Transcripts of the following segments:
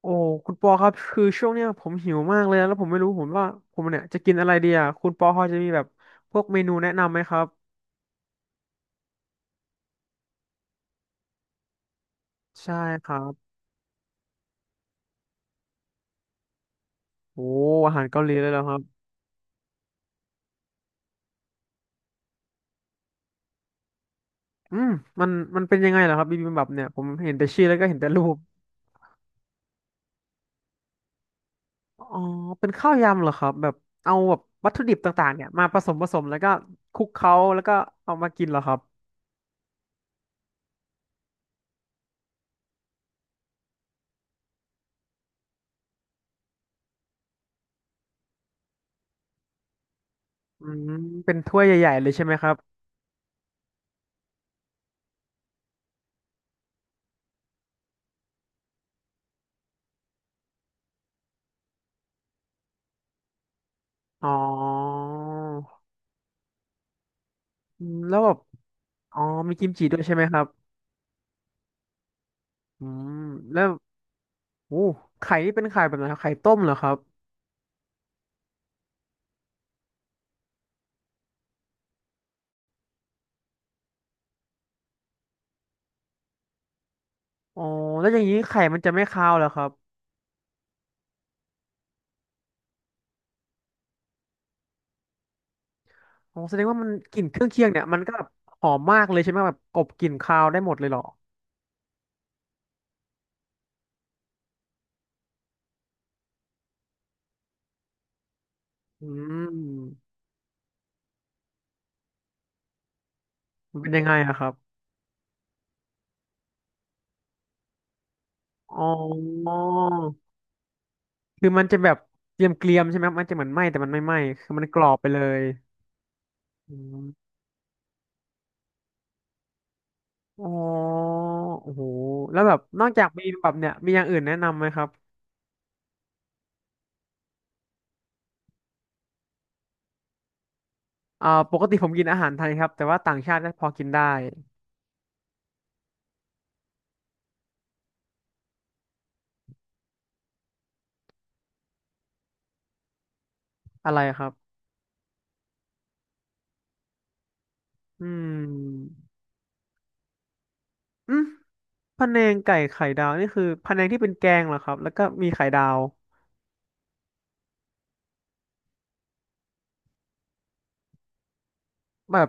โอ้คุณปอครับคือช่วงเนี้ยผมหิวมากเลยนะแล้วผมไม่รู้ผมว่าผมเนี่ยจะกินอะไรดีอ่ะคุณปอพอจะมีแบบพวกเมนูแนะนำไหมครับใช่ครับโอ้อาหารเกาหลีเลยเหรอครับอืมมันมันเป็นยังไงเหรอครับบิบิมบับเนี่ยผมเห็นแต่ชื่อแล้วก็เห็นแต่รูปอ๋อเป็นข้าวยำเหรอครับแบบเอาแบบวัตถุดิบต่างๆเนี่ยมาผสมผสมแล้วก็คลุกเคล้าแล้วก็เอามากินเหรอครับอืมเป็นถ้วยใหญ่ๆเลยใช่ไหมครับอ๋ออืมแล้วแบบอ๋อมีกิมจิด้วยใช่ไหมครับอืมแล้ว โอ้ไข่นี่เป็นไข่แบบไหนครับไข่ต้มเหรอครับอ๋อแล้วอย่างนี้ไข่มันจะไม่คาวเหรอครับอ๋อแสดงว่ามันกลิ่นเครื่องเคียงเนี่ยมันก็แบบหอมมากเลยใช่ไหมแบบกลบกลิ่นคาวได้หมดเลยเหรออืมมันเป็นยังไงอะครับอ๋อคือมันจะแบบเกรียมๆใช่ไหมมันจะเหมือนไหม้แต่มันไม่ไหม้คือมันกรอบไปเลยอืมอ๋อโอ้โหแล้วแบบนอกจากมีแบบเนี่ยมีอย่างอื่นแนะนำไหมครับอ่าปกติผมกินอาหารไทยครับแต่ว่าต่างชาติก็พอกินได้อะไรครับอืม อืมพะแนงไก่ไข่ดาวนี่คือพะแนงที่เป็นแกงเหรอครับแล้วก็มีไข่ดาวแบบ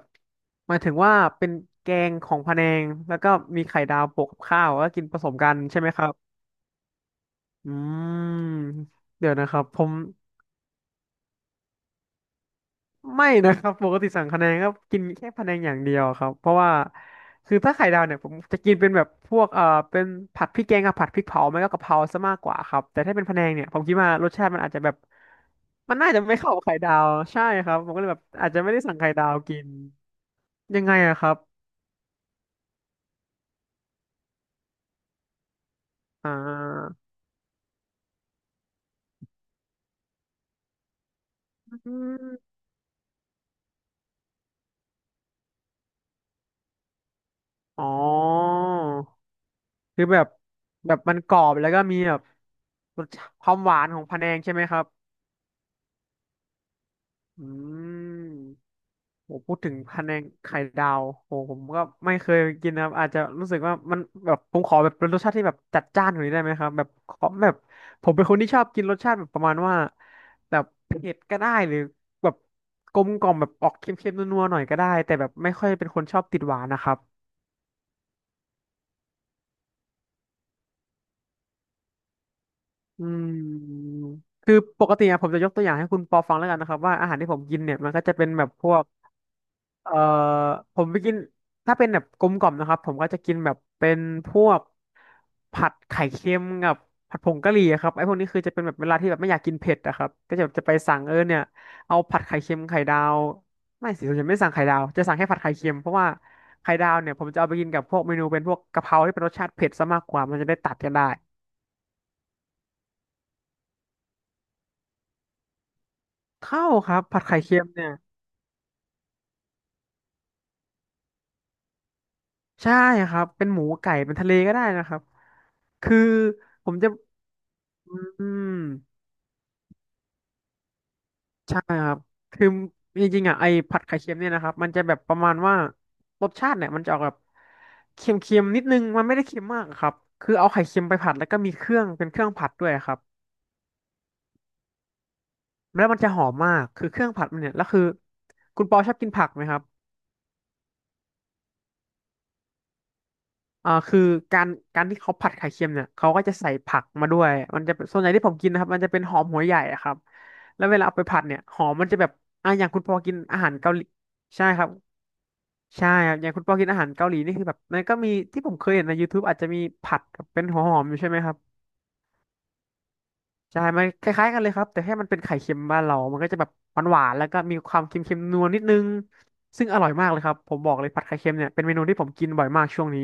หมายถึงว่าเป็นแกงของพะแนงแล้วก็มีไข่ดาวโปะกับข้าวแล้วกินผสมกันใช่ไหมครับอืมเดี๋ยวนะครับผม ไม่นะครับปกติสั่งคะแนนก็กินแค่คะแนงอย่างเดียวครับเพราะว่าคือถ้าไข่ดาวเนี่ยผมจะกินเป็นแบบพวกเป็นผัดพริกแกงกับผัดพริกเผาไม่ก็กะเพราซะมากกว่าครับแต่ถ้าเป็นพะแนงเนี่ยผมคิดว่ารสชาติมันอาจจะแบบมันน่าจะไม่เข้ากับไข่ดาวใช่ครับผมก็เลยแบบอาจจะไม่ได้สั่งไข่ดาวกินยังไงอะครับอ่าอืมอ๋อคือแบบแบบมันกรอบแล้วก็มีแบบรสชาติความหวานของพะแนงใช่ไหมครับอืม โหพูดถึงพะแนงไข่ดาวโหผมก็ไม่เคยกินนะครับอาจจะรู้สึกว่ามันแบบผมขอแบบเป็นรสชาติที่แบบจัดจ้านกว่านี้ได้ไหมครับแบบขอแบบผมเป็นคนที่ชอบกินรสชาติแบบประมาณว่าแบบเผ็ดก็ได้หรือแบบกลมกล่อมแบบออกเค็มๆนัวๆหน่อยก็ได้แต่แบบไม่ค่อยเป็นคนชอบติดหวานนะครับอืมคือปกติอะผมจะยกตัวอย่างให้คุณปอฟังแล้วกันนะครับว่าอาหารที่ผมกินเนี่ยมันก็จะเป็นแบบพวก เอ่อผมไปกินถ้าเป็นแบบกลมกล่อมนะครับผมก็จะกินแบบเป็นพวกผัดไข่เค็มกับผัดผงกะหรี่อะครับไอ้พวกนี้คือจะเป็นแบบเวลาที่แบบไม่อยากกินเผ็ดอะครับก็จะแบบจะไปสั่งเออเนี่ยเอาผัดไข่เค็มไข่ดาวไม่สิผมจะไม่สั่งไข่ดาวจะสั่งแค่ผัดไข่เค็มเพราะว่าไข่ดาวเนี่ยผมจะเอาไปกินกับพวกเมนูเป็นพวกกะเพราที่เป็นรสชาติเผ็ดซะมากกว่ามันจะได้ตัดกันได้เข้าครับผัดไข่เค็มเนี่ยใช่ครับเป็นหมูไก่เป็นทะเลก็ได้นะครับคือผมจะอืม ใช่ครับคือจริงๆอ่ะไอ้ผัดไข่เค็มเนี่ยนะครับมันจะแบบประมาณว่ารสชาติเนี่ยมันจะออกแบบเค็มๆนิดนึงมันไม่ได้เค็มมากอะครับคือเอาไข่เค็มไปผัดแล้วก็มีเครื่องเป็นเครื่องผัดด้วยครับแล้วมันจะหอมมากคือเครื่องผัดมันเนี่ยแล้วคือคุณปอชอบกินผักไหมครับอ่าคือการการที่เขาผัดไข่เค็มเนี่ยเขาก็จะใส่ผักมาด้วยมันจะเป็นส่วนใหญ่ที่ผมกินนะครับมันจะเป็นหอมหัวใหญ่อะครับแล้วเวลาเอาไปผัดเนี่ยหอมมันจะแบบอ่าอย่างคุณปอกินอาหารเกาหลีใช่ครับ ใช่ครับอย่างคุณปอกินอาหารเกาหลีนี่คือแบบมันก็มีที่ผมเคยเห็นใน YouTube อาจจะมีผัดกับเป็นหัวหอมอยู่ใช่ไหมครับใช่มันคล้ายๆกันเลยครับแต่แค่มันเป็นไข่เค็มบ้านเรามันก็จะแบบหวานๆแล้วก็มีความเค็มๆนัวนิดนึงซึ่งอร่อยมากเลยครับผมบอกเลยผัดไข่เค็มเนี่ยเป็นเมนูที่ผมกินบ่อยมากช่วงนี้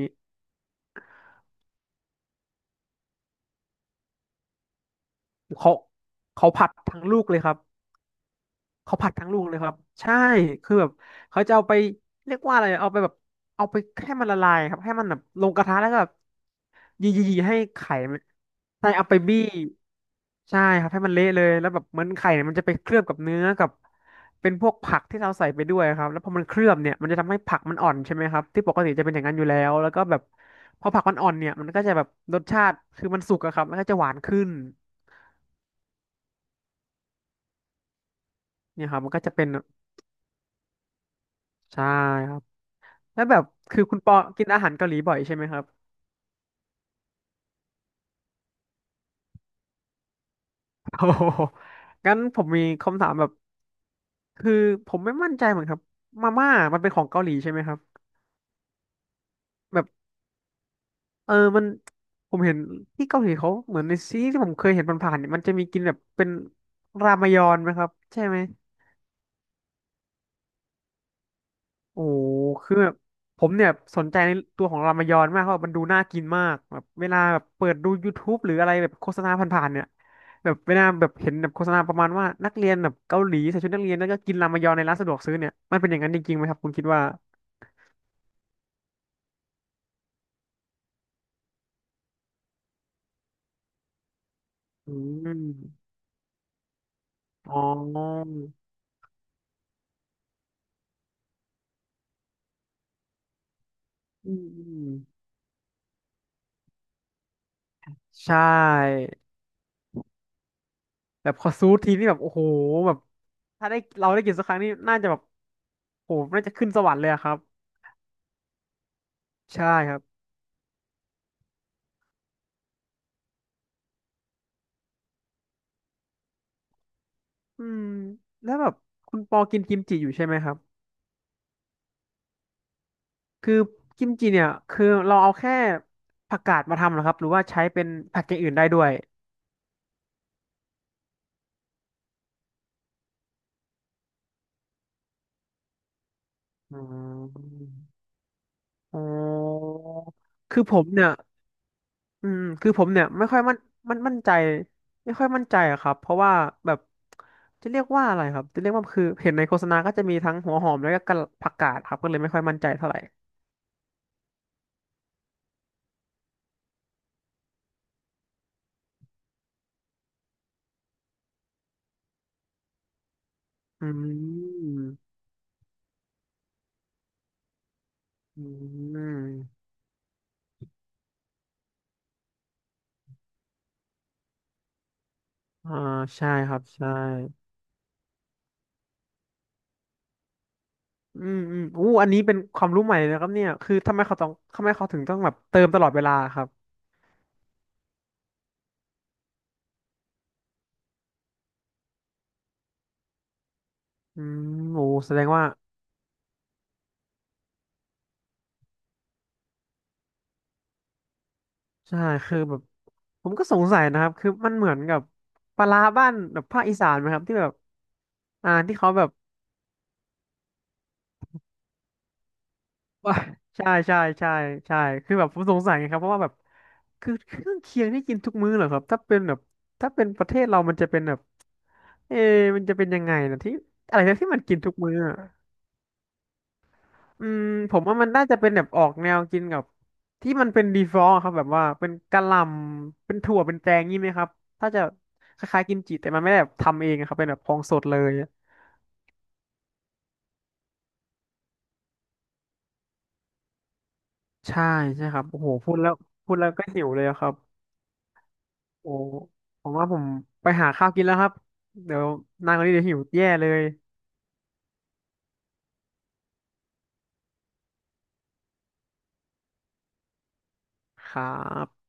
เขาเขาผัดทั้งลูกเลยครับ เขาผัดทั้งลูกเลยครับใช่คือแบบเขาจะเอาไปเรียกว่าอะไรเอาไปแบบเอาไปให้มันละลายครับให้มันแบบลงกระทะแล้วก็แบบยีให้ไข่มันใช่เอาไปบี้ใช่ครับให้มันเละเลยแล้วแบบเหมือนไข่เนี่ยมันจะไปเคลือบกับเนื้อกับเป็นพวกผักที่เราใส่ไปด้วยครับแล้วพอมันเคลือบเนี่ยมันจะทำให้ผักมันอ่อนใช่ไหมครับที่ปกติจะเป็นอย่างนั้นอยู่แล้วแล้วก็แบบพอผักมันอ่อนเนี่ยมันก็จะแบบรสชาติคือมันสุกอะครับแล้วก็จะหวานขึ้นเนี่ยครับมันก็จะเป็นใช่ครับ แล้วแบบคือคุณปอกินอาหารเกาหลีบ่อยใช่ไหมครับ โอ้โหงั้นผมมีคำถามแบบคือผมไม่มั่นใจเหมือนครับมาม่ามันเป็นของเกาหลีใช่ไหมครับแบบมันผมเห็นที่เกาหลีเขาเหมือนในซีรีส์ที่ผมเคยเห็นผ่านๆเนี่ยมันจะมีกินแบบเป็นรามยอนไหมครับใช่ไหม โอ้โหคือแบบผมเนี่ยสนใจในตัวของรามายอนมากเพราะมันดูน่ากินมากแบบเวลาแบบเปิดดู YouTube หรืออะไรแบบโฆษณาผ่านๆเนี่ยแบบเวลาแบบเห็นแบบโฆษณาประมาณว่านักเรียนแบบเกาหลีใส่ชุดนักเรียนแล้วก็กินรามายอนในร้านสะดวกซื้อเนี่ยมันเป็นอย่างนั้นจริงๆไหมครับคุณคิดว่าอืมอ๋ออืมอืมใช่แบบขอซูทีนี่แบบโอ้โหแบบถ้าได้เราได้กินสักครั้งนี่น่าจะแบบโอ้โหน่าจะขึ้นสวรรค์เลยอะครับใช่ครับ อืมแล้วแบบคุณปอกินกิมจิอยู่ใช่ไหมครับคือกิมจิเนี่ยคือเราเอาแค่ผักกาดมาทำเหรอครับหรือว่าใช้เป็นผักอย่างอื่นได้ด้วยอืมอ๋อคือผมเนี่ยคือผมเนี่ยไม่ค่อยมั่นใจไม่ค่อยมั่นใจอะครับเพราะว่าแบบจะเรียกว่าอะไรครับจะเรียกว่าคือเห็นในโฆษณาก็จะมีทั้งหัวหอมแล้วก็กะผักกาดครับก็เลยไม่ค่อยมั่นใจเท่าไหร่อืมอืมอ่าใช่ครับใช่ อืมอืมอู้อันนี้เป็นความรู้ใหม่เลยนะครับเนี่ยคือทำไมเขาถึงต้องแบบเติมตลอดเวลาครับอืมโอ้แสดงว่าใช่คือแบบผมก็สงสัยนะครับคือมันเหมือนกับปลาร้าบ้านแบบภาคอีสานไหมครับที่แบบอ่าที่เขาแบบ ว่า ใช่ใช่ใช่คือแบบผมสงสัยไงครับเพราะว่าแบบคือเครื่องเคียงที่กินทุกมื้อเหรอครับถ้าเป็นแบบถ้าเป็นประเทศเรามันจะเป็นแบบเอะมันจะเป็นยังไงนะที่อะไรนะที่มันกินทุกมื้ออะ อืมผมว่ามันน่าจะเป็นแบบออกแนวกินกับที่มันเป็นดีฟอร์อะครับแบบว่าเป็นกะหล่ำเป็นถั่วเป็นแตงงี้ไหมครับถ้าจะคล้ายๆกิมจิแต่มันไม่ได้แบบทำเองอะครับเป็นแบบของสดเลยใช่ใช่ครับโอ้โหพูดแล้วพูดแล้วก็หิวเลยอะครับโอ้ผมว่าไปหาข้าวกินแล้วครับเดี๋ยวนางคนนี้เดี๋ยวหิวแย่เลยครับ